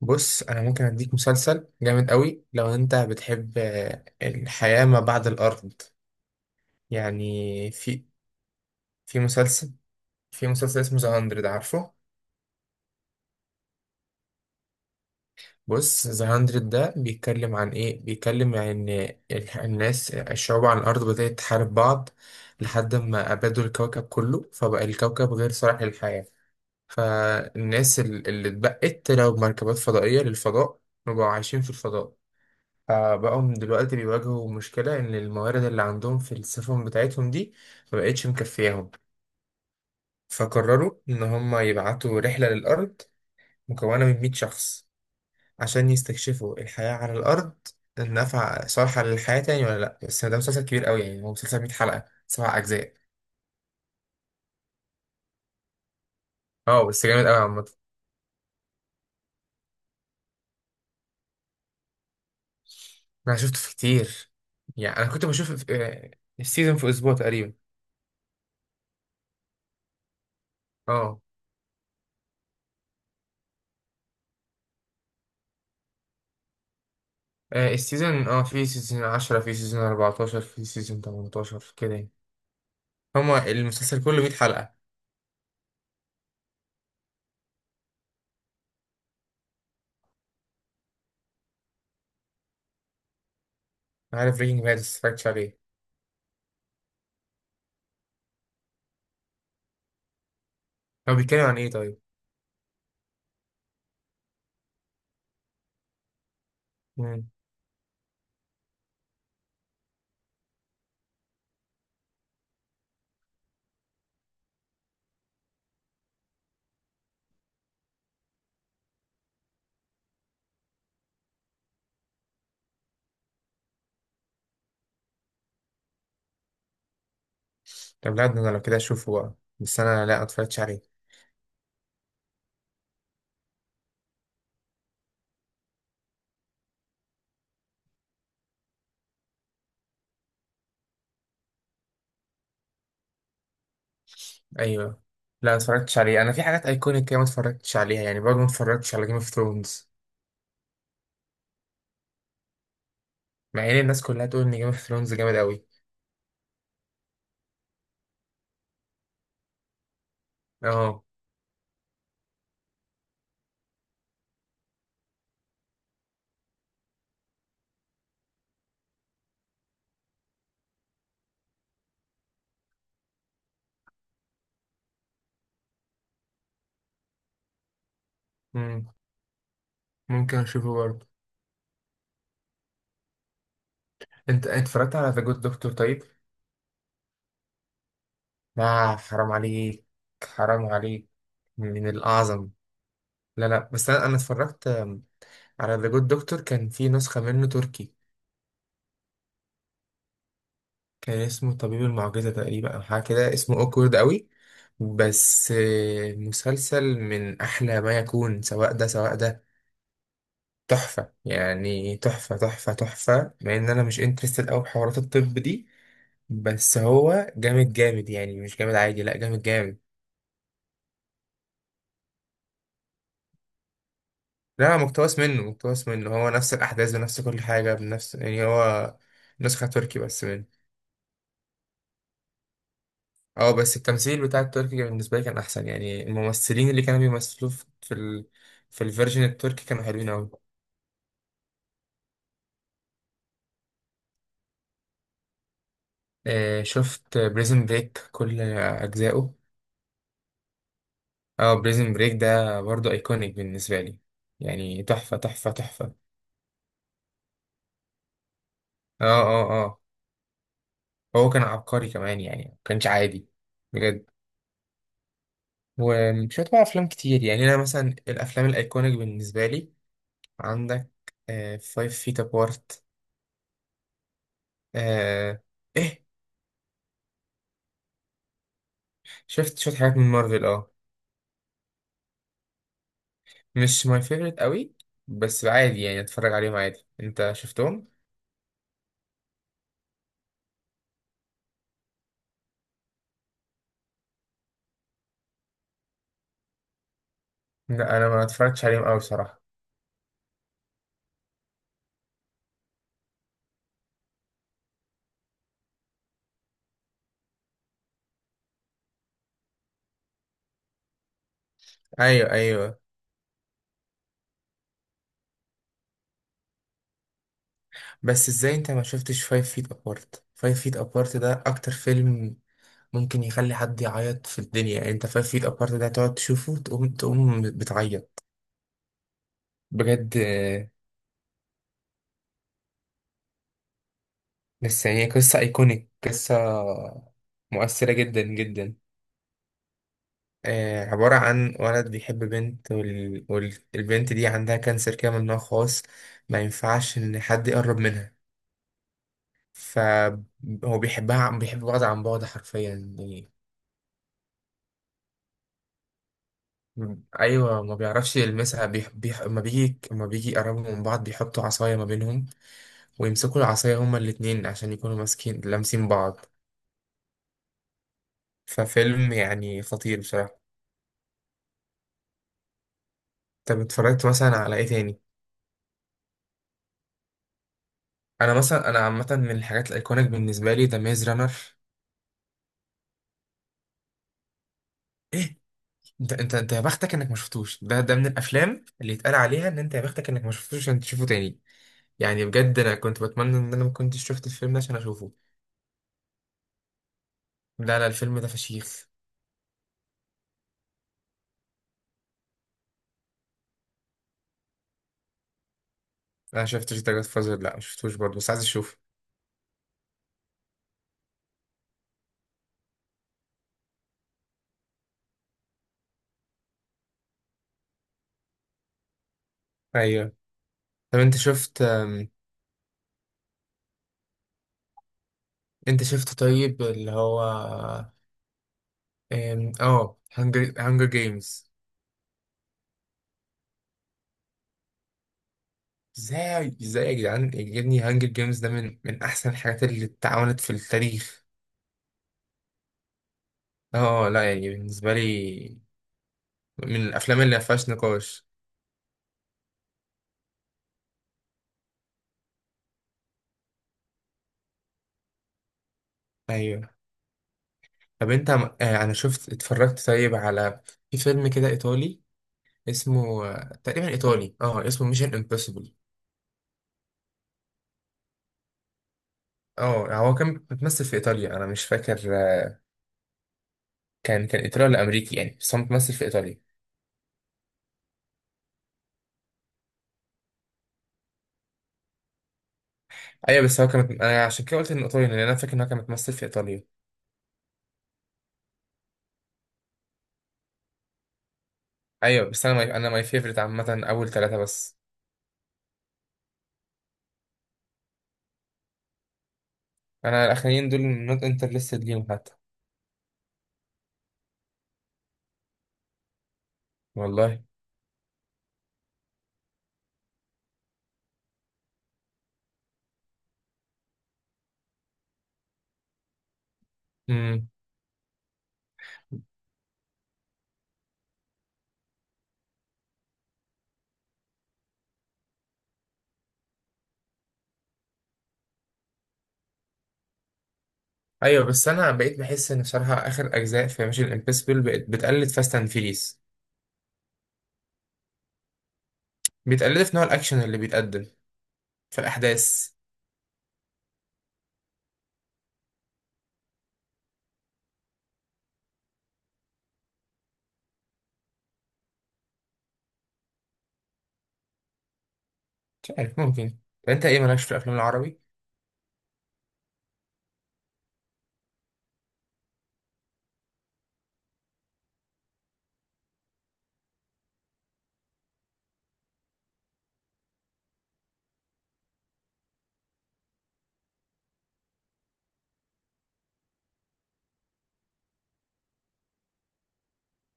بص، انا ممكن اديك مسلسل جامد قوي لو انت بتحب. الحياة ما بعد الارض. يعني في مسلسل في مسلسل اسمه ذا 100، عارفه؟ بص، ذا 100 ده بيتكلم عن ان الناس، الشعوب على الارض بدأت تحارب بعض لحد ما ابادوا الكوكب كله، فبقى الكوكب غير صالح للحياة. فالناس اللي اتبقت طلعوا بمركبات فضائية للفضاء، وبقوا عايشين في الفضاء. فبقوا دلوقتي بيواجهوا مشكلة إن الموارد اللي عندهم في السفن بتاعتهم دي مبقتش مكفياهم. فقرروا إن هما يبعتوا رحلة للأرض مكونة من 100 شخص عشان يستكشفوا الحياة على الأرض، النفع صالحة للحياة تاني ولا لأ. بس ده مسلسل كبير أوي، يعني هو مسلسل 100 حلقة، سبع أجزاء. اه، بس جامد أوي عامة. أنا شفته في كتير، يعني أنا كنت بشوف السيزون في أسبوع تقريبا. اه. السيزون، في سيزون 10، في سيزون 14، في سيزون 18، كده يعني. هما المسلسل كله 100 حلقة. أنا عارف بريكنج باد بس متفرجتش عليه. هو بيتكلم عن إيه طيب؟ مم. طب لا، ده أنا لو كده أشوفه بقى، بس أنا لا متفرجتش عليه. أيوه. لا متفرجتش عليه، أنا في حاجات أيكونيك كده متفرجتش عليها يعني، برضه متفرجتش على جيم اوف ثرونز. مع إن الناس كلها تقول إن جيم اوف ثرونز جامد أوي. أه. مم. ممكن أشوفه برضه. أنت أنت اتفرجت على ذا جود دكتور طيب؟ آه، حرام عليك، حرام عليك، من الأعظم. لا لا، بس أنا اتفرجت على ذا جود دكتور، كان في نسخة منه تركي، كان اسمه طبيب المعجزة تقريبا أو حاجة كده، اسمه أوكورد أوي. بس مسلسل من أحلى ما يكون، سواء ده سواء ده، تحفة يعني، تحفة تحفة تحفة. مع إن أنا مش انترستد أوي بحوارات الطب دي، بس هو جامد جامد يعني، مش جامد عادي، لا جامد جامد. لا، مقتبس منه مقتبس منه، هو نفس الأحداث بنفس كل حاجة بنفس يعني، هو نسخة تركي بس. اه، بس التمثيل بتاع التركي بالنسبة لي كان أحسن، يعني الممثلين اللي كانوا بيمثلوا في ال... في الفيرجن التركي كانوا حلوين أوي. آه، شفت بريزن بريك كل أجزائه. اه، بريزن بريك ده برضه أيكونيك بالنسبة لي، يعني تحفة تحفة تحفة. اه اه اه. هو كان عبقري كمان يعني، ما كانش عادي، بجد. ومش بقى أفلام كتير يعني، أنا مثلا الأفلام الأيكونيك بالنسبة لي، عندك فايف فيت أبارت. آه. إيه، شفت حاجات من مارفل، اه. مش ماي فيفورت قوي، بس عادي يعني، اتفرج عليهم عادي. انت شفتهم؟ لا انا ما اتفرجتش عليهم قوي بصراحه. ايوه ايوه. بس ازاي انت ما شفتش فايف فيت ابارت؟ فايف فيت ابارت ده اكتر فيلم ممكن يخلي حد يعيط في الدنيا يعني. انت فايف فيت ابارت ده تقعد تشوفه تقوم بتعيط، بجد. بس يعني قصه ايكونيك، قصه مؤثره جدا جدا. عبارة عن ولد بيحب بنت والبنت دي عندها كانسر كده من نوع خاص، ما ينفعش إن حد يقرب منها. فهو بيحب بعض عن بعد حرفيا يعني. أيوة، ما بيعرفش يلمسها، ما بيجي يقربوا من بعض، بيحطوا عصاية ما بينهم، ويمسكوا العصاية هما الاتنين عشان يكونوا ماسكين لامسين بعض. ففيلم يعني خطير بصراحة. طب اتفرجت مثلا على إيه تاني؟ أنا مثلا، أنا عامة من الحاجات الأيكونيك بالنسبة لي ذا ميز رانر. انت يا بختك انك ما شفتوش، ده ده من الافلام اللي يتقال عليها ان انت يا بختك انك ما شفتوش، عشان تشوفه تاني. يعني بجد انا كنت بتمنى ان انا ما كنتش شفت الفيلم ده عشان اشوفه. لا لا، الفيلم ده فشيخ. انا شفتش ده جاد فازر، لا ما شفتوش برضه، بس عايز اشوفه. ايوه. طب انت شفت انت شفت طيب اللي هو ام، اه هانجر جيمز؟ ازاي يا جدعان يا ابني، هانجر جيمز ده من احسن الحاجات اللي اتعملت في التاريخ. اه لا، يعني بالنسبه لي من الافلام اللي ما فيهاش نقاش. ايوه. طب انت انا شفت اتفرجت طيب، على في فيلم كده ايطالي اسمه تقريبا ايطالي، اه، اسمه ميشن امبوسيبل. اه هو كان بيتمثل في ايطاليا، انا مش فاكر كان ايطالي ولا امريكي يعني، بس هو متمثل في ايطاليا. ايوه، بس هو كان، انا عشان كده قلت انه ايطالي لان انا فاكر ان هو كان متمثل في ايطاليا. ايوه بس انا انا ماي فيفرت عامه اول ثلاثه بس. انا الاخرين دول نوت انترستد ليهم حتى. والله. امم. ايوه، بس انا بقيت بحس ان بصراحه اخر اجزاء في ميشن امبوسيبل بقت بتقلد فاست اند فيريس. بيتقلدوا في نوع الأكشن اللي بيتقدم في الأحداث. مش عارف، ممكن. أنت إيه مالكش في الأفلام العربي؟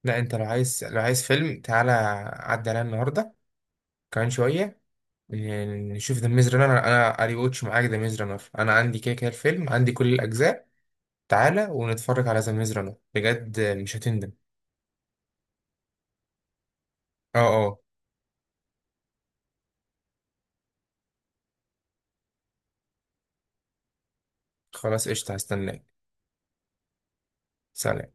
لا، أنت لو عايز، لو عايز فيلم تعالى، عدى عليا النهاردة كمان شوية، نشوف ذا ميز رانر. أنا أري واتش معاك ذا ميز رانر، أنا عندي كده كده الفيلم، عندي كل الأجزاء. تعالى ونتفرج على ذا ميز رانر، بجد مش هتندم. أه أه. خلاص قشطة هستناك. سلام.